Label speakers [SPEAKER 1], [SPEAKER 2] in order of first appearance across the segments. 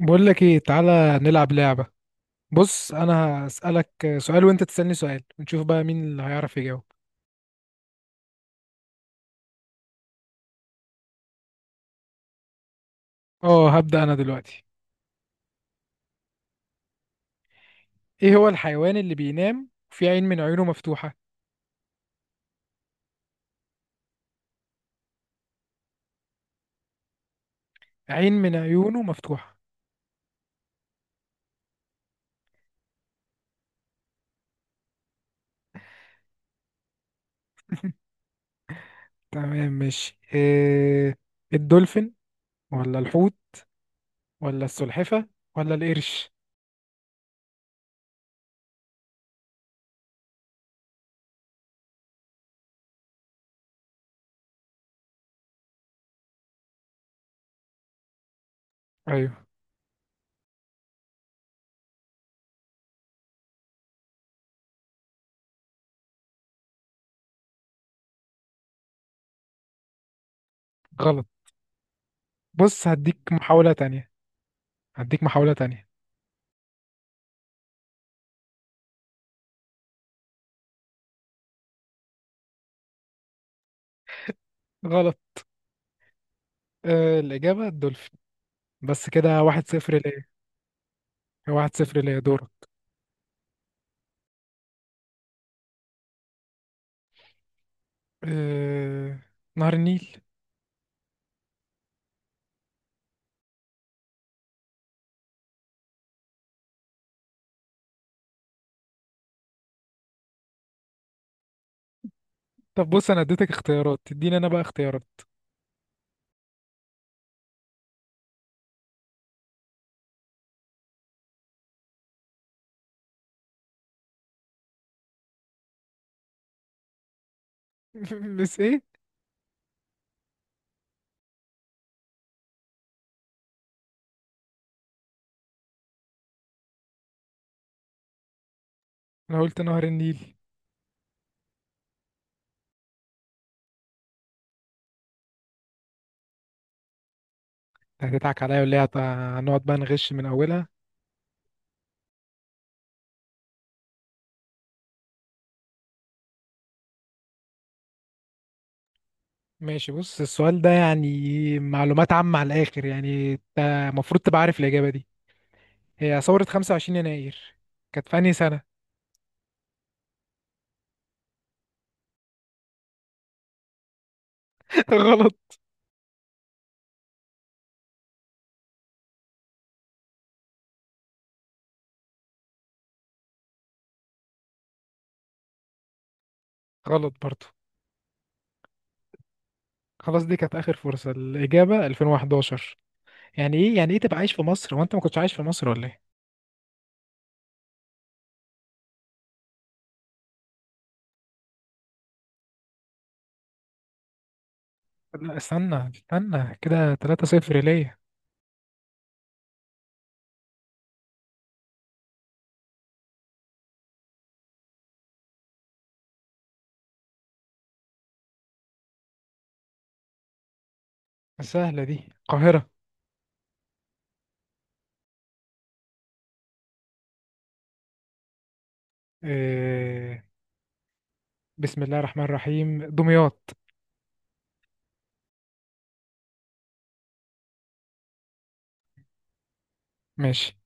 [SPEAKER 1] بقول لك ايه، تعالى نلعب لعبة. بص انا هسألك سؤال وانت تسألني سؤال، ونشوف بقى مين اللي هيعرف يجاوب. اه هبدأ انا دلوقتي. ايه هو الحيوان اللي بينام وفي عين من عيونه مفتوحة؟ عين من عيونه مفتوحة. تمام ماشي، إيه: الدولفين ولا الحوت ولا السلحفة ولا القرش؟ ايوه. غلط. بص هديك محاولة تانية. هديك محاولة تانية. غلط. آه الإجابة الدولفين. بس كده 1-0 ليا. 1-0 ليا، دورك. آه... نهر النيل. طب بص، انا اديتك اختيارات تديني انا بقى اختيارات. بس ايه، انا قلت نهر النيل. أنت هتضحك عليا ولا إيه؟ هنقعد بقى نغش من اولها. ماشي، بص السؤال ده يعني معلومات عامة على الاخر، يعني انت المفروض تبقى عارف الاجابة دي. هي ثورة 25 يناير كانت في انهي سنة؟ غلط. غلط برضو. خلاص دي كانت اخر فرصة، الاجابة 2011. يعني ايه، يعني ايه تبقى عايش في مصر وانت ما كنتش عايش في مصر ولا ايه؟ لا، استنى استنى كده، 3-0 ليا. سهلة دي، القاهرة. إيه؟ بسم الله الرحمن الرحيم، دمياط. ماشي.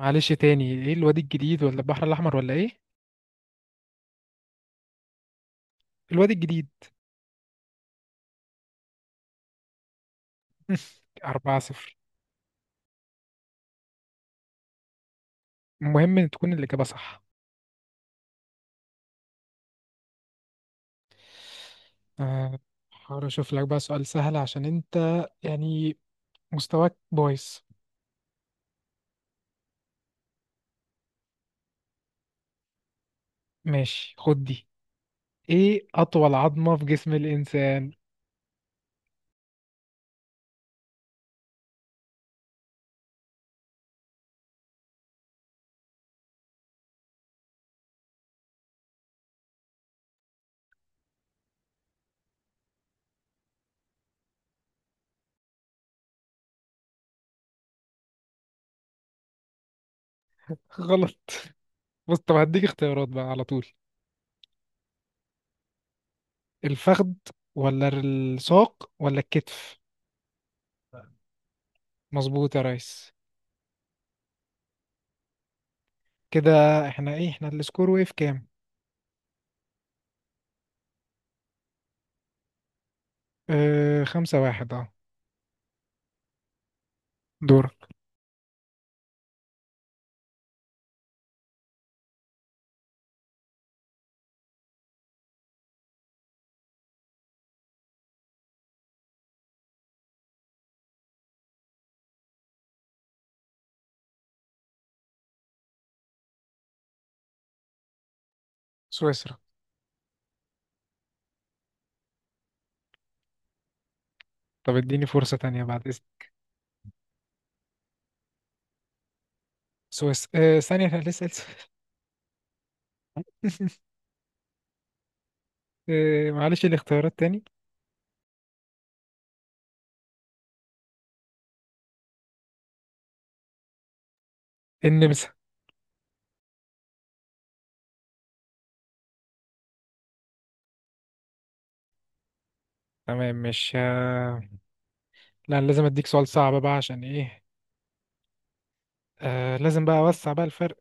[SPEAKER 1] معلش تاني، ايه الوادي الجديد ولا البحر الأحمر ولا ايه؟ الوادي الجديد. 4-0. المهم إن تكون الإجابة صح. آه، هحاول أشوف لك بقى سؤال سهل، عشان أنت يعني مستواك بايظ. ماشي خد دي. ايه أطول عظمة في جسم الإنسان؟ غلط. بص، طب هديك اختيارات بقى على طول: الفخذ ولا الساق ولا الكتف؟ مظبوط يا ريس. كده احنا ايه، احنا السكور وقف كام؟ اه، 5-1، اه. دورك. سويسرا. طب اديني فرصة تانية بعد اذنك. سويسرا، اه ثانية احنا لسه لسه. اه، معلش الاختيارات تاني. النمسا. تمام، مش لا أنا لازم اديك سؤال صعب بقى عشان ايه. اه، لازم بقى اوسع بقى الفرق.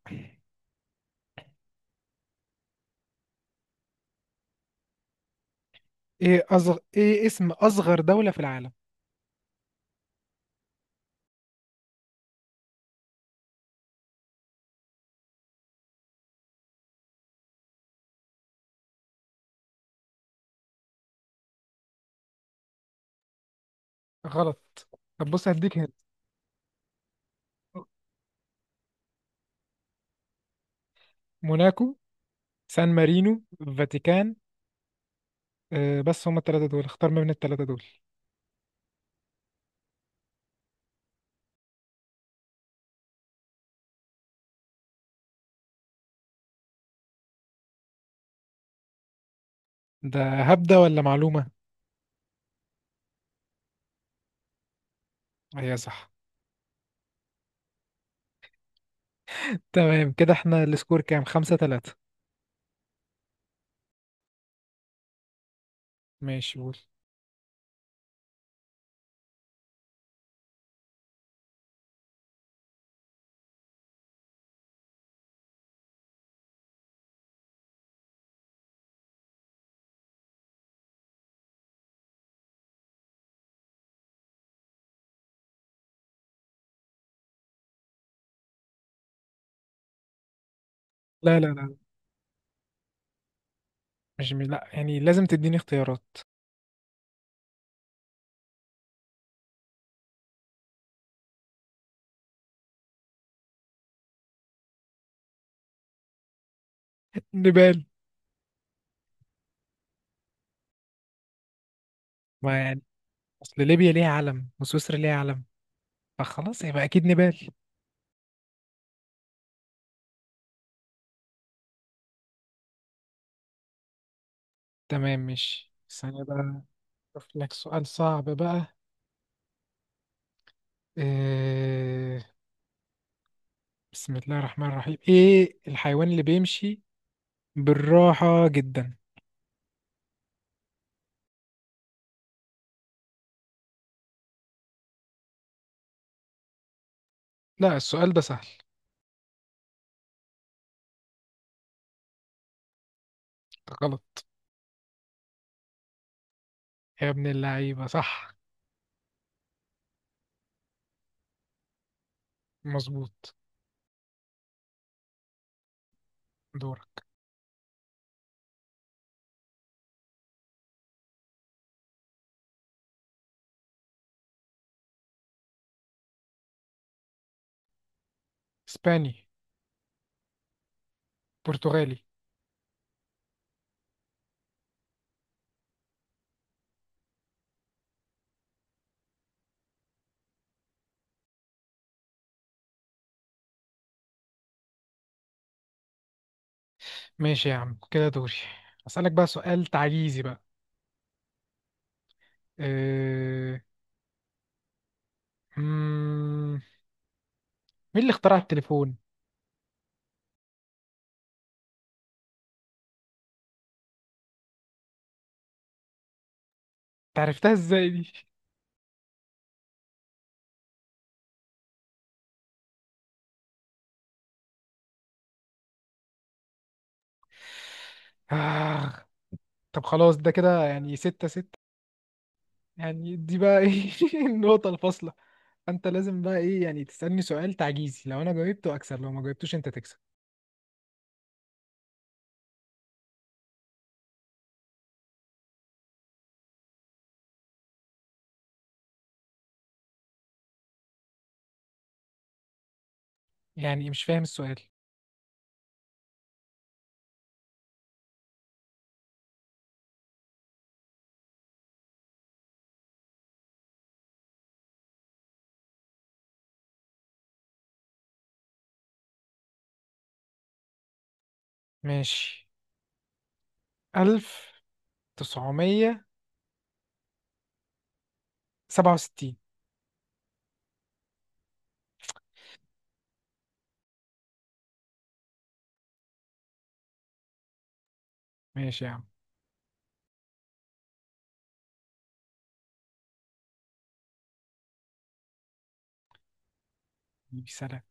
[SPEAKER 1] ايه اصغر، ايه اسم اصغر دولة في العالم؟ غلط. طب بص هديك هنا: موناكو، سان مارينو، فاتيكان. اه بس هما التلاتة دول، اختار ما بين التلاتة دول. ده هبدة ولا معلومة؟ هي صح. تمام، كده احنا السكور كام؟ 5-3. ماشي قول. لا لا لا، مش مي... لا يعني لازم تديني اختيارات. نيبال. ما يعني اصل ليبيا ليها علم وسويسرا ليها علم، فخلاص يبقى اكيد نيبال. تمام ماشي، ثانية بقى. اشوف لك سؤال صعب بقى. إيه... بسم الله الرحمن الرحيم، ايه الحيوان اللي بيمشي بالراحة جدا؟ لا السؤال ده سهل. غلط. يا ابن اللعيبة صح. مظبوط. دورك. اسباني. برتغالي. ماشي يا عم، كده دوري. أسألك بقى سؤال تعجيزي بقى. أه... مم... مين اللي اخترع التليفون؟ تعرفتها ازاي دي؟ آه... طب خلاص ده كده يعني 6-6. يعني دي بقى ايه، النقطة الفاصلة؟ انت لازم بقى ايه، يعني تسألني سؤال تعجيزي، لو انا جاوبته اكسب لو ما جاوبتوش انت تكسب. يعني مش فاهم السؤال. ماشي، 1967. ماشي يا عم. سلام.